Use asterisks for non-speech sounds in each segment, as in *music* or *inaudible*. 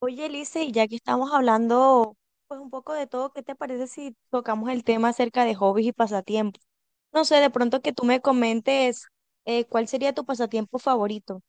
Oye, Elise, y ya que estamos hablando pues un poco de todo, ¿qué te parece si tocamos el tema acerca de hobbies y pasatiempos? No sé, de pronto que tú me comentes cuál sería tu pasatiempo favorito.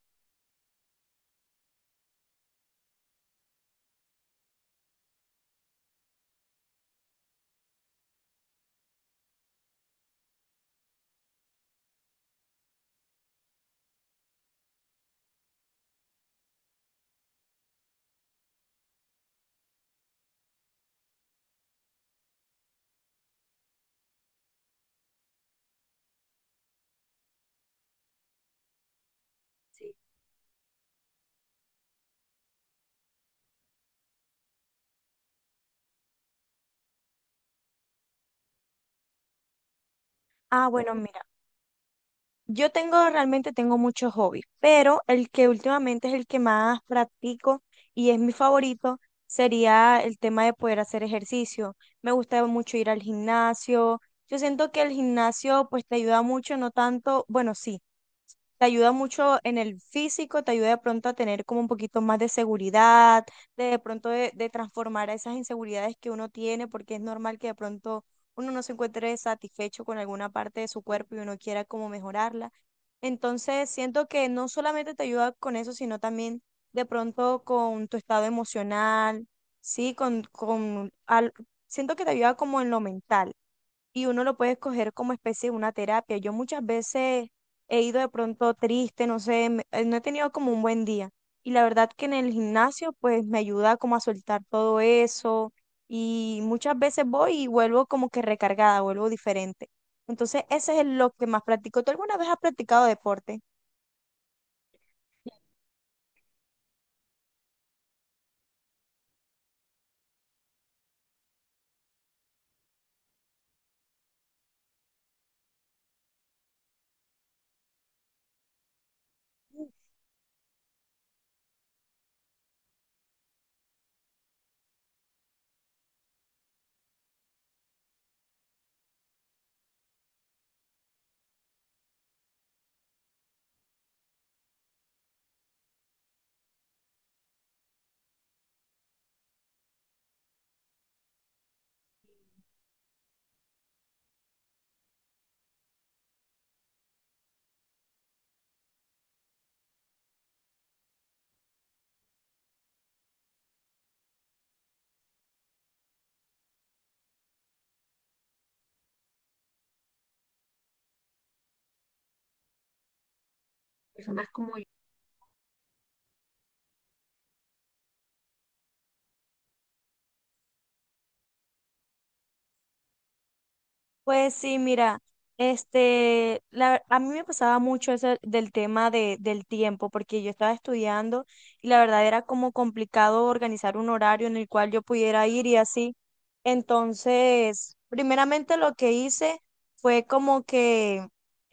Ah, bueno, mira, yo tengo realmente tengo muchos hobbies, pero el que últimamente es el que más practico y es mi favorito sería el tema de poder hacer ejercicio. Me gusta mucho ir al gimnasio. Yo siento que el gimnasio pues te ayuda mucho, no tanto, bueno, sí. Te ayuda mucho en el físico, te ayuda de pronto a tener como un poquito más de seguridad, de pronto de transformar esas inseguridades que uno tiene, porque es normal que de pronto uno no se encuentre satisfecho con alguna parte de su cuerpo y uno quiera como mejorarla. Entonces, siento que no solamente te ayuda con eso, sino también de pronto con tu estado emocional, sí, siento que te ayuda como en lo mental y uno lo puede escoger como especie de una terapia. Yo muchas veces he ido de pronto triste, no sé, no he tenido como un buen día. Y la verdad que en el gimnasio pues me ayuda como a soltar todo eso y muchas veces voy y vuelvo como que recargada, vuelvo diferente. Entonces, ese es lo que más practico. ¿Tú alguna vez has practicado deporte? Pues sí, mira, a mí me pasaba mucho eso del tema del tiempo, porque yo estaba estudiando y la verdad era como complicado organizar un horario en el cual yo pudiera ir y así. Entonces, primeramente lo que hice fue como que,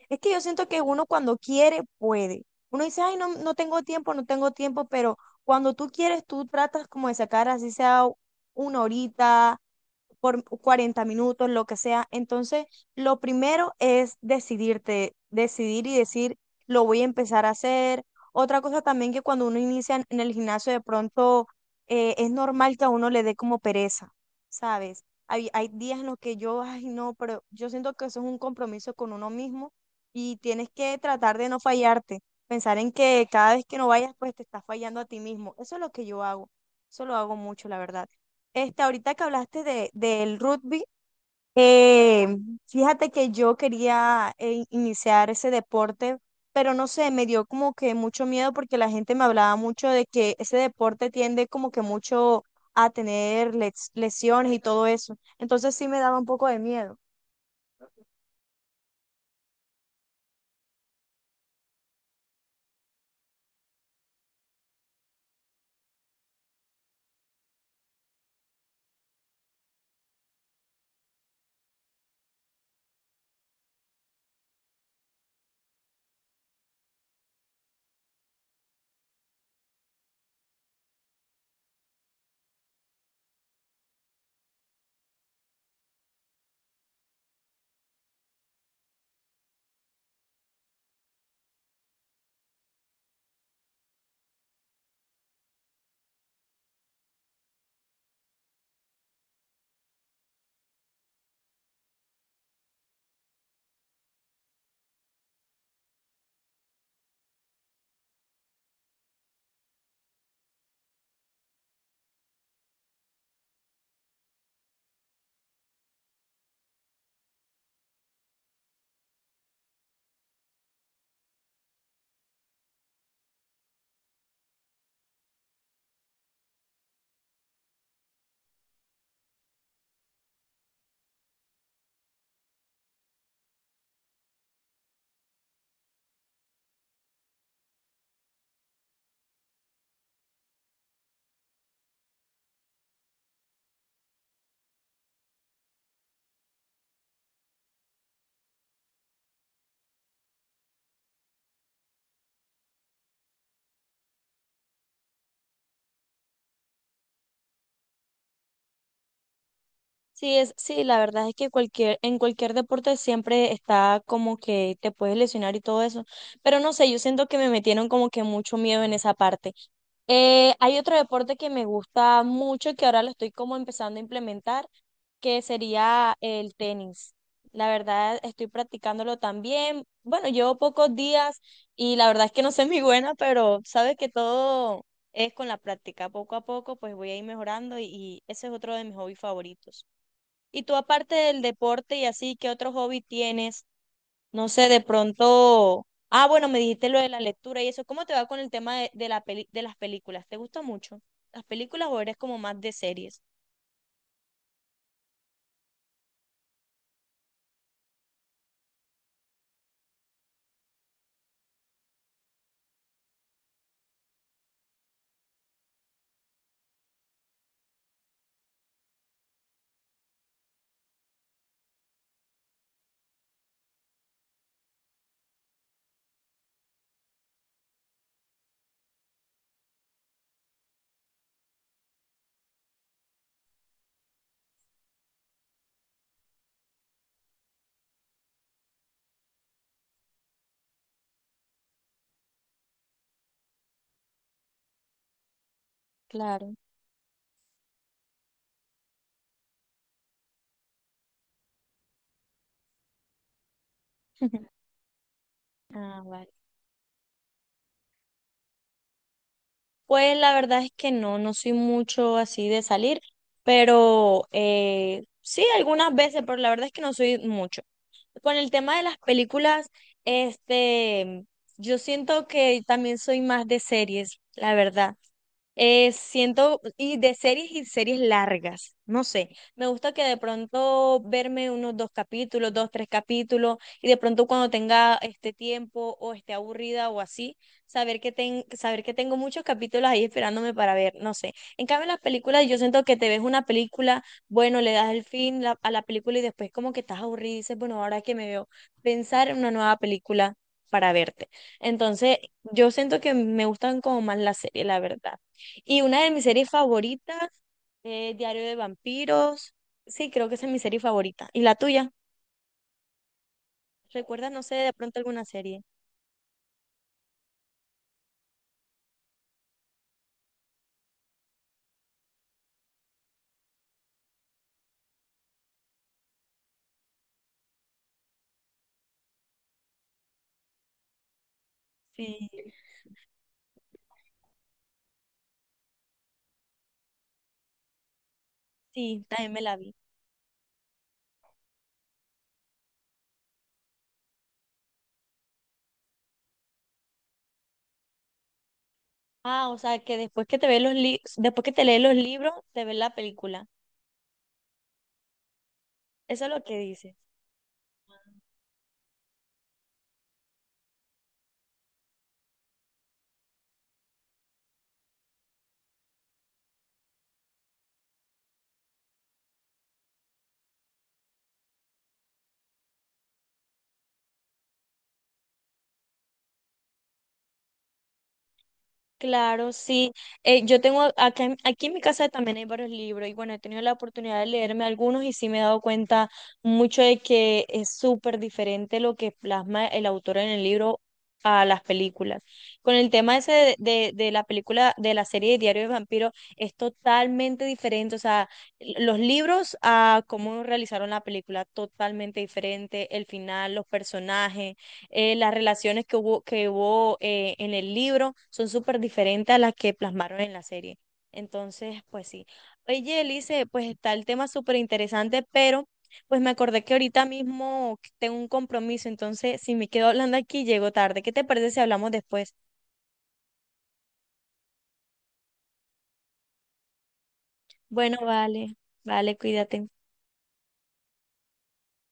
es que yo siento que uno cuando quiere puede. Uno dice, ay, no, no tengo tiempo, pero cuando tú quieres, tú tratas como de sacar así sea una horita por 40 minutos, lo que sea. Entonces, lo primero es decidirte, decidir y decir, lo voy a empezar a hacer. Otra cosa también que cuando uno inicia en el gimnasio, de pronto es normal que a uno le dé como pereza, ¿sabes? Hay días en los que yo, ay, no, pero yo siento que eso es un compromiso con uno mismo y tienes que tratar de no fallarte, pensar en que cada vez que no vayas, pues te estás fallando a ti mismo. Eso es lo que yo hago, eso lo hago mucho, la verdad. Este, ahorita que hablaste del rugby, eh, fíjate que yo quería iniciar ese deporte, pero no sé, me dio como que mucho miedo porque la gente me hablaba mucho de que ese deporte tiende como que mucho a tener lesiones y todo eso. Entonces sí me daba un poco de miedo. Sí, sí, la verdad es que en cualquier deporte siempre está como que te puedes lesionar y todo eso. Pero no sé, yo siento que me metieron como que mucho miedo en esa parte. Hay otro deporte que me gusta mucho y que ahora lo estoy como empezando a implementar, que sería el tenis. La verdad, estoy practicándolo también. Bueno, llevo pocos días y la verdad es que no soy muy buena, pero sabes que todo es con la práctica. Poco a poco, pues voy a ir mejorando y ese es otro de mis hobbies favoritos. Y tú aparte del deporte y así, ¿qué otro hobby tienes? No sé, de pronto... Ah, bueno, me dijiste lo de la lectura y eso. ¿Cómo te va con el tema de la de las películas? ¿Te gusta mucho las películas o eres como más de series? Claro. *laughs* Ah, vale. Pues la verdad es que no, no soy mucho así de salir, pero sí algunas veces, pero la verdad es que no soy mucho. Con el tema de las películas, este, yo siento que también soy más de series, la verdad. Siento, y de series y series largas, no sé, me gusta que de pronto verme unos dos capítulos, dos, tres capítulos, y de pronto cuando tenga este tiempo o esté aburrida o así, saber que, ten, saber que tengo muchos capítulos ahí esperándome para ver, no sé. En cambio, en las películas yo siento que te ves una película, bueno, le das el fin a la película y después como que estás aburrida y dices, bueno, ahora que me veo, pensar en una nueva película para verte. Entonces, yo siento que me gustan como más las series, la verdad. Y una de mis series favoritas es Diario de Vampiros. Sí, creo que esa es mi serie favorita. ¿Y la tuya? ¿Recuerdas, no sé, de pronto alguna serie? Sí. Sí, también me la vi. Ah, o sea, que después que te ves los después que te lees los libros, te ves la película. Eso es lo que dices. Claro, sí. Yo tengo acá, aquí en mi casa también hay varios libros y bueno, he tenido la oportunidad de leerme algunos y sí me he dado cuenta mucho de que es súper diferente lo que plasma el autor en el libro a las películas. Con el tema ese de la película, de la serie de Diario de Vampiro, es totalmente diferente. O sea, los libros a cómo realizaron la película, totalmente diferente. El final, los personajes las relaciones que hubo, que hubo en el libro son súper diferentes a las que plasmaron en la serie. Entonces, pues sí. Oye, Elise, pues está el tema súper interesante, pero pues me acordé que ahorita mismo tengo un compromiso, entonces si me quedo hablando aquí llego tarde. ¿Qué te parece si hablamos después? Bueno, vale, vale, cuídate.